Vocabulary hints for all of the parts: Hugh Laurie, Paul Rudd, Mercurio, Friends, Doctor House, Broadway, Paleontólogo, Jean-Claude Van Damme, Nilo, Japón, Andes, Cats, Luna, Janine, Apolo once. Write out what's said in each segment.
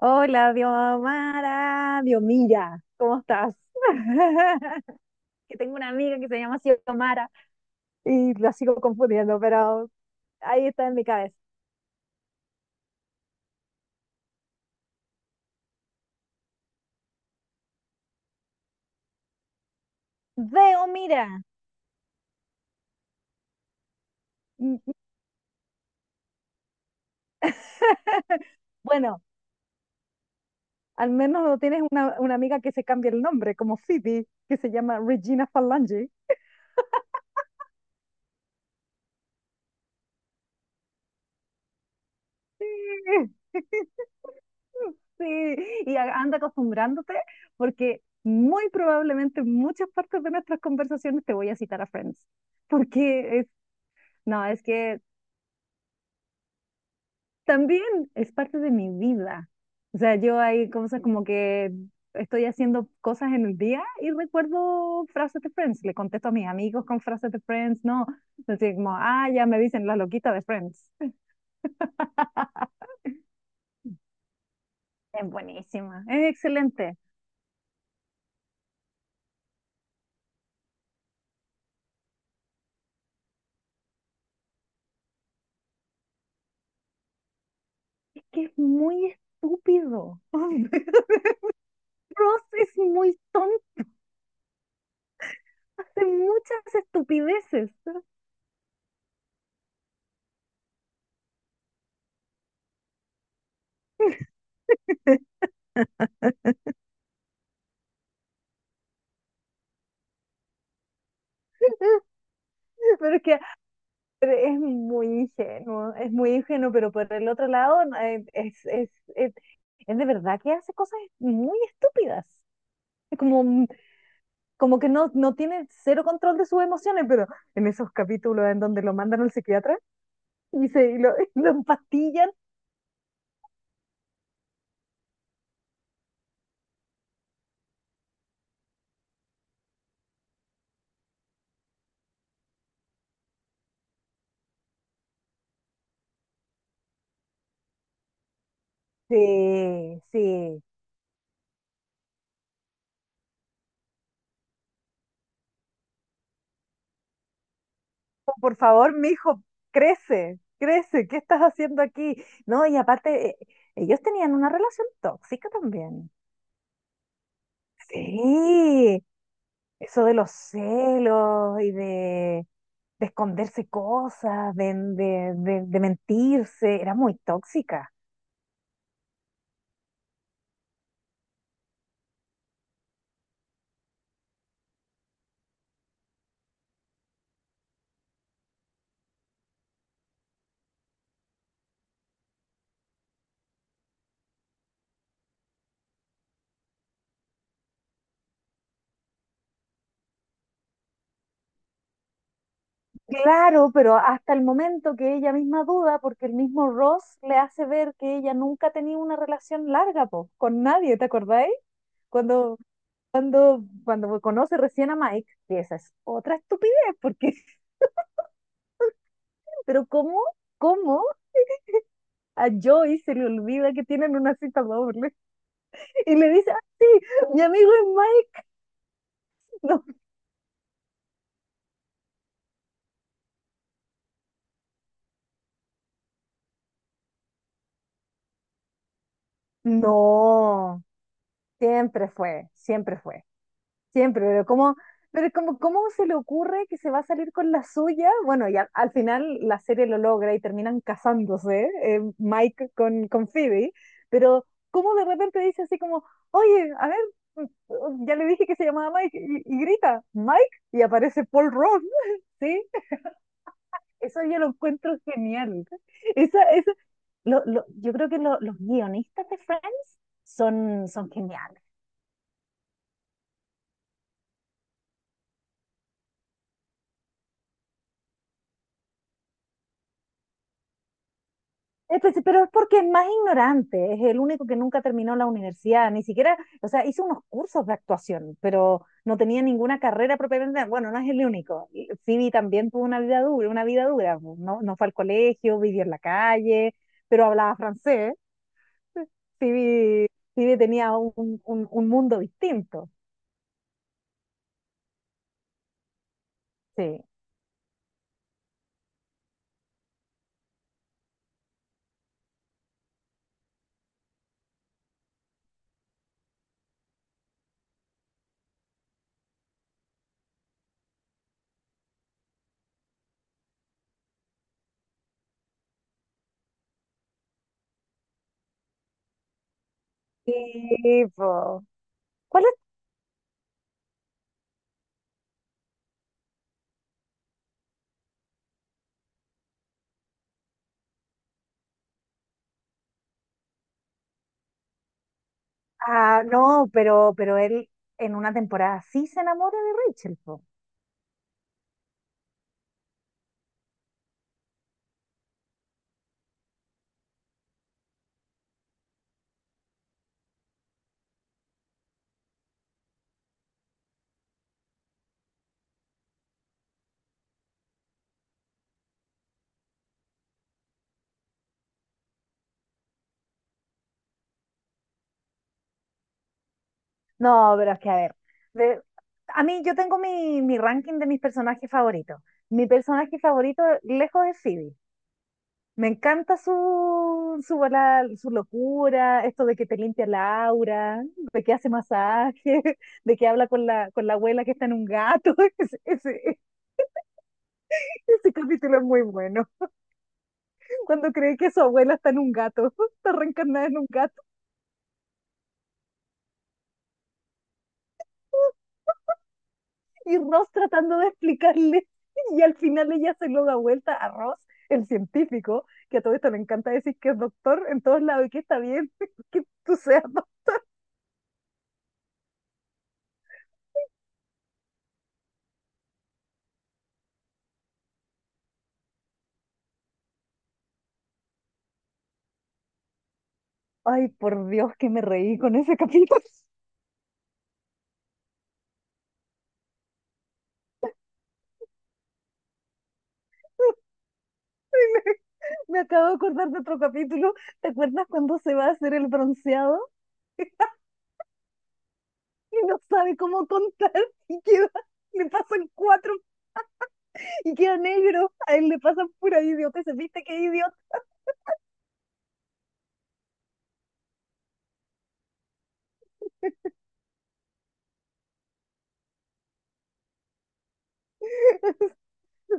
Hola, Diomara, Diomira, ¿cómo estás? Que tengo una amiga que se llama así Diomara y la sigo confundiendo, pero ahí está en mi cabeza. Deomira. Mm, Bueno, al menos no tienes una amiga que se cambie el nombre, como Phoebe, que se llama Regina Falange. Sí. Sí, y anda acostumbrándote porque muy probablemente en muchas partes de nuestras conversaciones te voy a citar a Friends. Porque es, no, es que también es parte de mi vida. O sea, yo hay cosas como que estoy haciendo cosas en el día y recuerdo frases de Friends. Le contesto a mis amigos con frases de Friends, ¿no? Entonces, ya me dicen la loquita de Friends. Es buenísima, es excelente. Es que es muy estúpido. Ross es muy tonta, hace muchas estupideces. Pero es que Pero es muy ingenuo, pero por el otro lado no, es, es de verdad que hace cosas muy estúpidas. Es como, como que no, no tiene cero control de sus emociones, pero en esos capítulos en donde lo mandan al psiquiatra y lo y lo empastillan, sí, sí. Oh, por favor, mi hijo, crece, crece, ¿qué estás haciendo aquí? No, y aparte, ellos tenían una relación tóxica también. Sí. Eso de los celos, de esconderse cosas, de de mentirse, era muy tóxica. Claro, pero hasta el momento que ella misma duda, porque el mismo Ross le hace ver que ella nunca ha tenido una relación larga, po, con nadie, ¿te acordáis? Cuando, Cuando conoce recién a Mike, que esa es otra estupidez, porque, pero ¿cómo a Joey se le olvida que tienen una cita doble? Y le dice, ah, sí, mi amigo es Mike. No, siempre fue, siempre fue, pero ¿cómo se le ocurre que se va a salir con la suya? Bueno, y al final la serie lo logra y terminan casándose, Mike con Phoebe, pero ¿cómo de repente dice así como, oye, a ver, mm, ya le dije que se llamaba Mike y grita, Mike, y aparece Paul Rudd, ¿sí? Eso yo lo encuentro genial. Esa, esa, yo creo que los guionistas de Friends son, son geniales. Entonces, pero es porque es más ignorante, es el único que nunca terminó la universidad, ni siquiera, o sea, hizo unos cursos de actuación, pero no tenía ninguna carrera propiamente, bueno, no es el único. Y Phoebe también tuvo una vida dura, no, no fue al colegio, vivió en la calle, pero hablaba francés, Phoebe, Phoebe tenía un mundo distinto, sí. Sí, po. ¿Cuál es? Ah, no, pero él en una temporada sí se enamora de Rachel, po. No, pero es que a ver, de- a mí yo tengo mi ranking de mis personajes favoritos. Mi personaje favorito lejos es Phoebe. Me encanta su locura, esto de que te limpia la aura, de que hace masaje, de que habla con la abuela que está en un gato. Ese, ese- Ese capítulo es muy bueno. Cuando cree que su abuela está en un gato, está reencarnada en un gato. Y Ross tratando de explicarle y al final ella se lo da vuelta a Ross, el científico, que a todo esto le encanta decir que es doctor en todos lados y que está bien, que tú seas doctor. Ay, por Dios, que me reí con ese capítulo. Me acabo de acordar de otro capítulo. ¿Te acuerdas cuando se va a hacer el bronceado y no sabe cómo contar y queda, le pasan cuatro y queda negro? A él le pasan pura idiota. ¿Se viste qué idiota?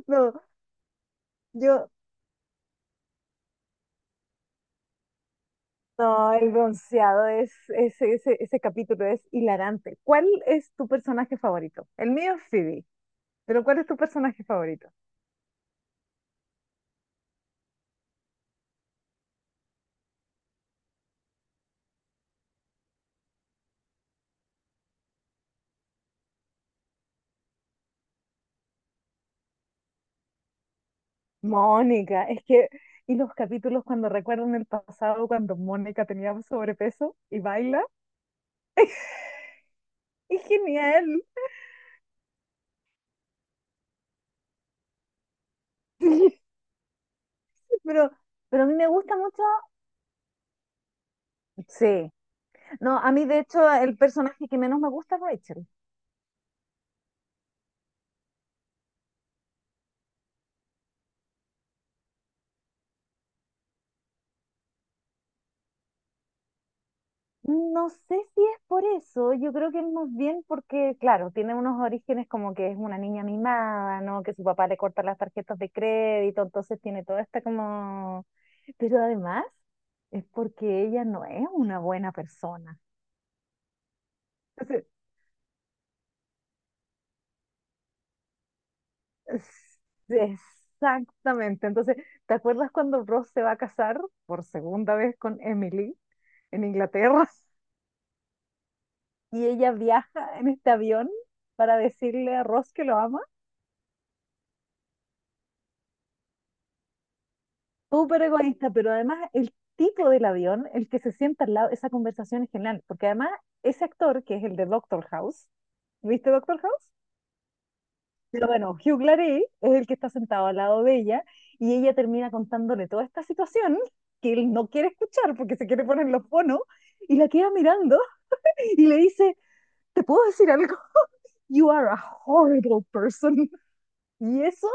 No, yo No, el bronceado es ese capítulo es hilarante. ¿Cuál es tu personaje favorito? El mío es Phoebe, pero ¿cuál es tu personaje favorito? Mónica, es que, y los capítulos cuando recuerdan el pasado, cuando Mónica tenía sobrepeso y baila, es genial. Sí. Pero, pero a mí me gusta mucho. Sí, no, a mí de hecho el personaje que menos me gusta es Rachel. No sé si es por eso, yo creo que es más bien porque, claro, tiene unos orígenes como que es una niña mimada, ¿no? Que su papá le corta las tarjetas de crédito, entonces tiene toda esta como... Pero además es porque ella no es una buena persona. Entonces, es- exactamente. Entonces, ¿te acuerdas cuando Ross se va a casar por segunda vez con Emily en Inglaterra? Y ella viaja en este avión para decirle a Ross que lo ama. Súper egoísta, pero además el tipo del avión, el que se sienta al lado, esa conversación es genial, porque además ese actor, que es el de Doctor House, ¿viste Doctor House? Pero bueno, Hugh Laurie es el que está sentado al lado de ella y ella termina contándole toda esta situación que él no quiere escuchar porque se quiere poner los fonos y la queda mirando y le dice, ¿te puedo decir algo? You are a horrible person. Y eso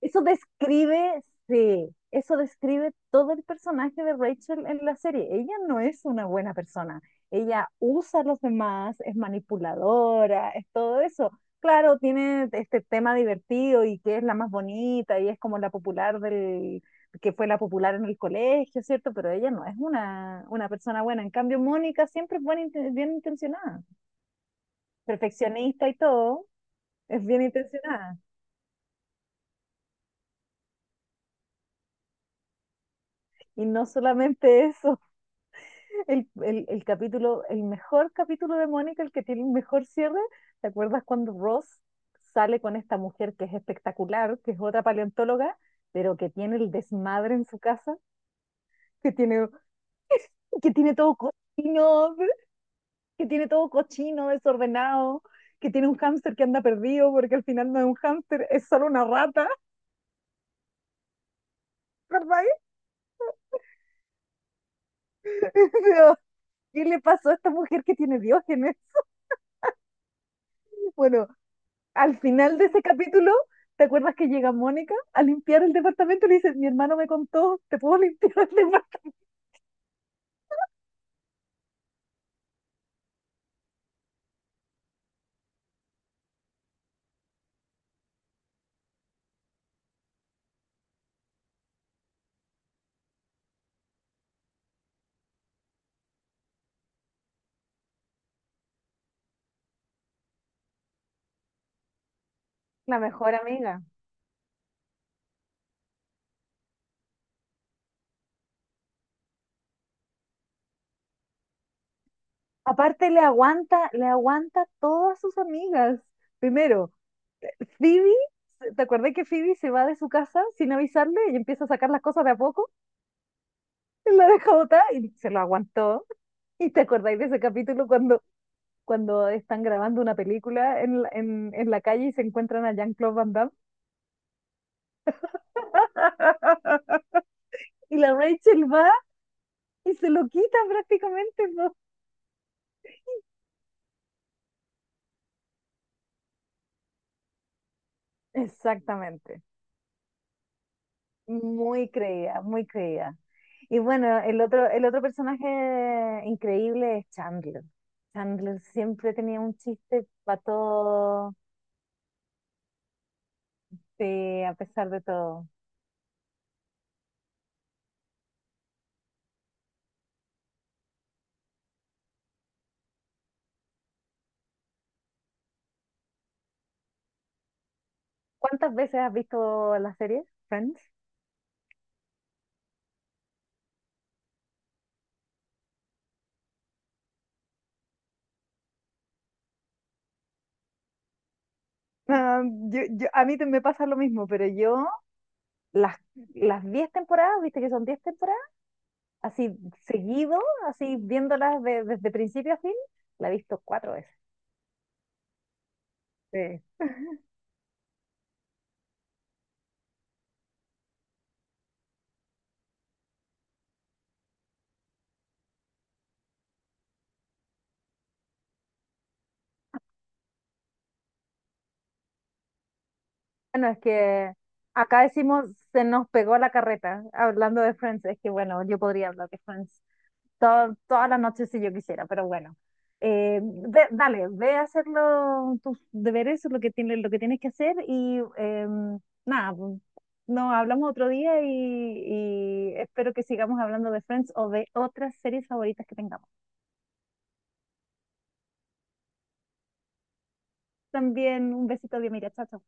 Eso describe, sí, eso describe todo el personaje de Rachel en la serie. Ella no es una buena persona. Ella usa a los demás, es manipuladora, es todo eso. Claro, tiene este tema divertido y que es la más bonita y es como que fue la popular en el colegio, ¿cierto? Pero ella no es una persona buena. En cambio, Mónica siempre es buena, bien intencionada, perfeccionista y todo, es bien intencionada. Y no solamente eso. El capítulo, el mejor capítulo de Mónica, el que tiene el mejor cierre. ¿Te acuerdas cuando Ross sale con esta mujer que es espectacular, que es otra paleontóloga, pero que tiene el desmadre en su casa, que tiene, que tiene todo cochino, que tiene todo cochino, desordenado, que tiene un hámster que anda perdido porque al final no es un hámster, es solo una rata, ¿verdad? Pero, ¿qué le pasó a esta mujer que tiene diógenes? Bueno, al final de ese capítulo, ¿te acuerdas que llega Mónica a limpiar el departamento y le dice, mi hermano me contó, ¿te puedo limpiar el departamento? La mejor amiga. Aparte le aguanta todas sus amigas. Primero, Phoebe, ¿te acuerdas que Phoebe se va de su casa sin avisarle y empieza a sacar las cosas de a poco? Él la deja botar y se lo aguantó. ¿Y te acordáis de ese capítulo cuando, cuando están grabando una película en la calle y se encuentran a Jean-Claude Van Damme? Y la Rachel va y se lo quitan prácticamente, po. Exactamente. Muy creída, muy creída. Y bueno, el otro personaje increíble es Chandler. Chandler siempre tenía un chiste para todo, sí, a pesar de todo. ¿Cuántas veces has visto la serie Friends? Ah, me pasa lo mismo, pero yo, Las, las 10 temporadas, viste que son 10 temporadas, así seguido, así viéndolas desde principio a fin, la he visto 4 veces. Sí. Bueno, es que acá decimos se nos pegó la carreta hablando de Friends. Es que bueno, yo podría hablar de Friends toda la noche si yo quisiera, pero bueno. Dale, ve a hacer tus deberes, lo que tienes que hacer y nada, pues, nos hablamos otro día y espero que sigamos hablando de Friends o de otras series favoritas que tengamos. También un besito de Mira, chao, chao.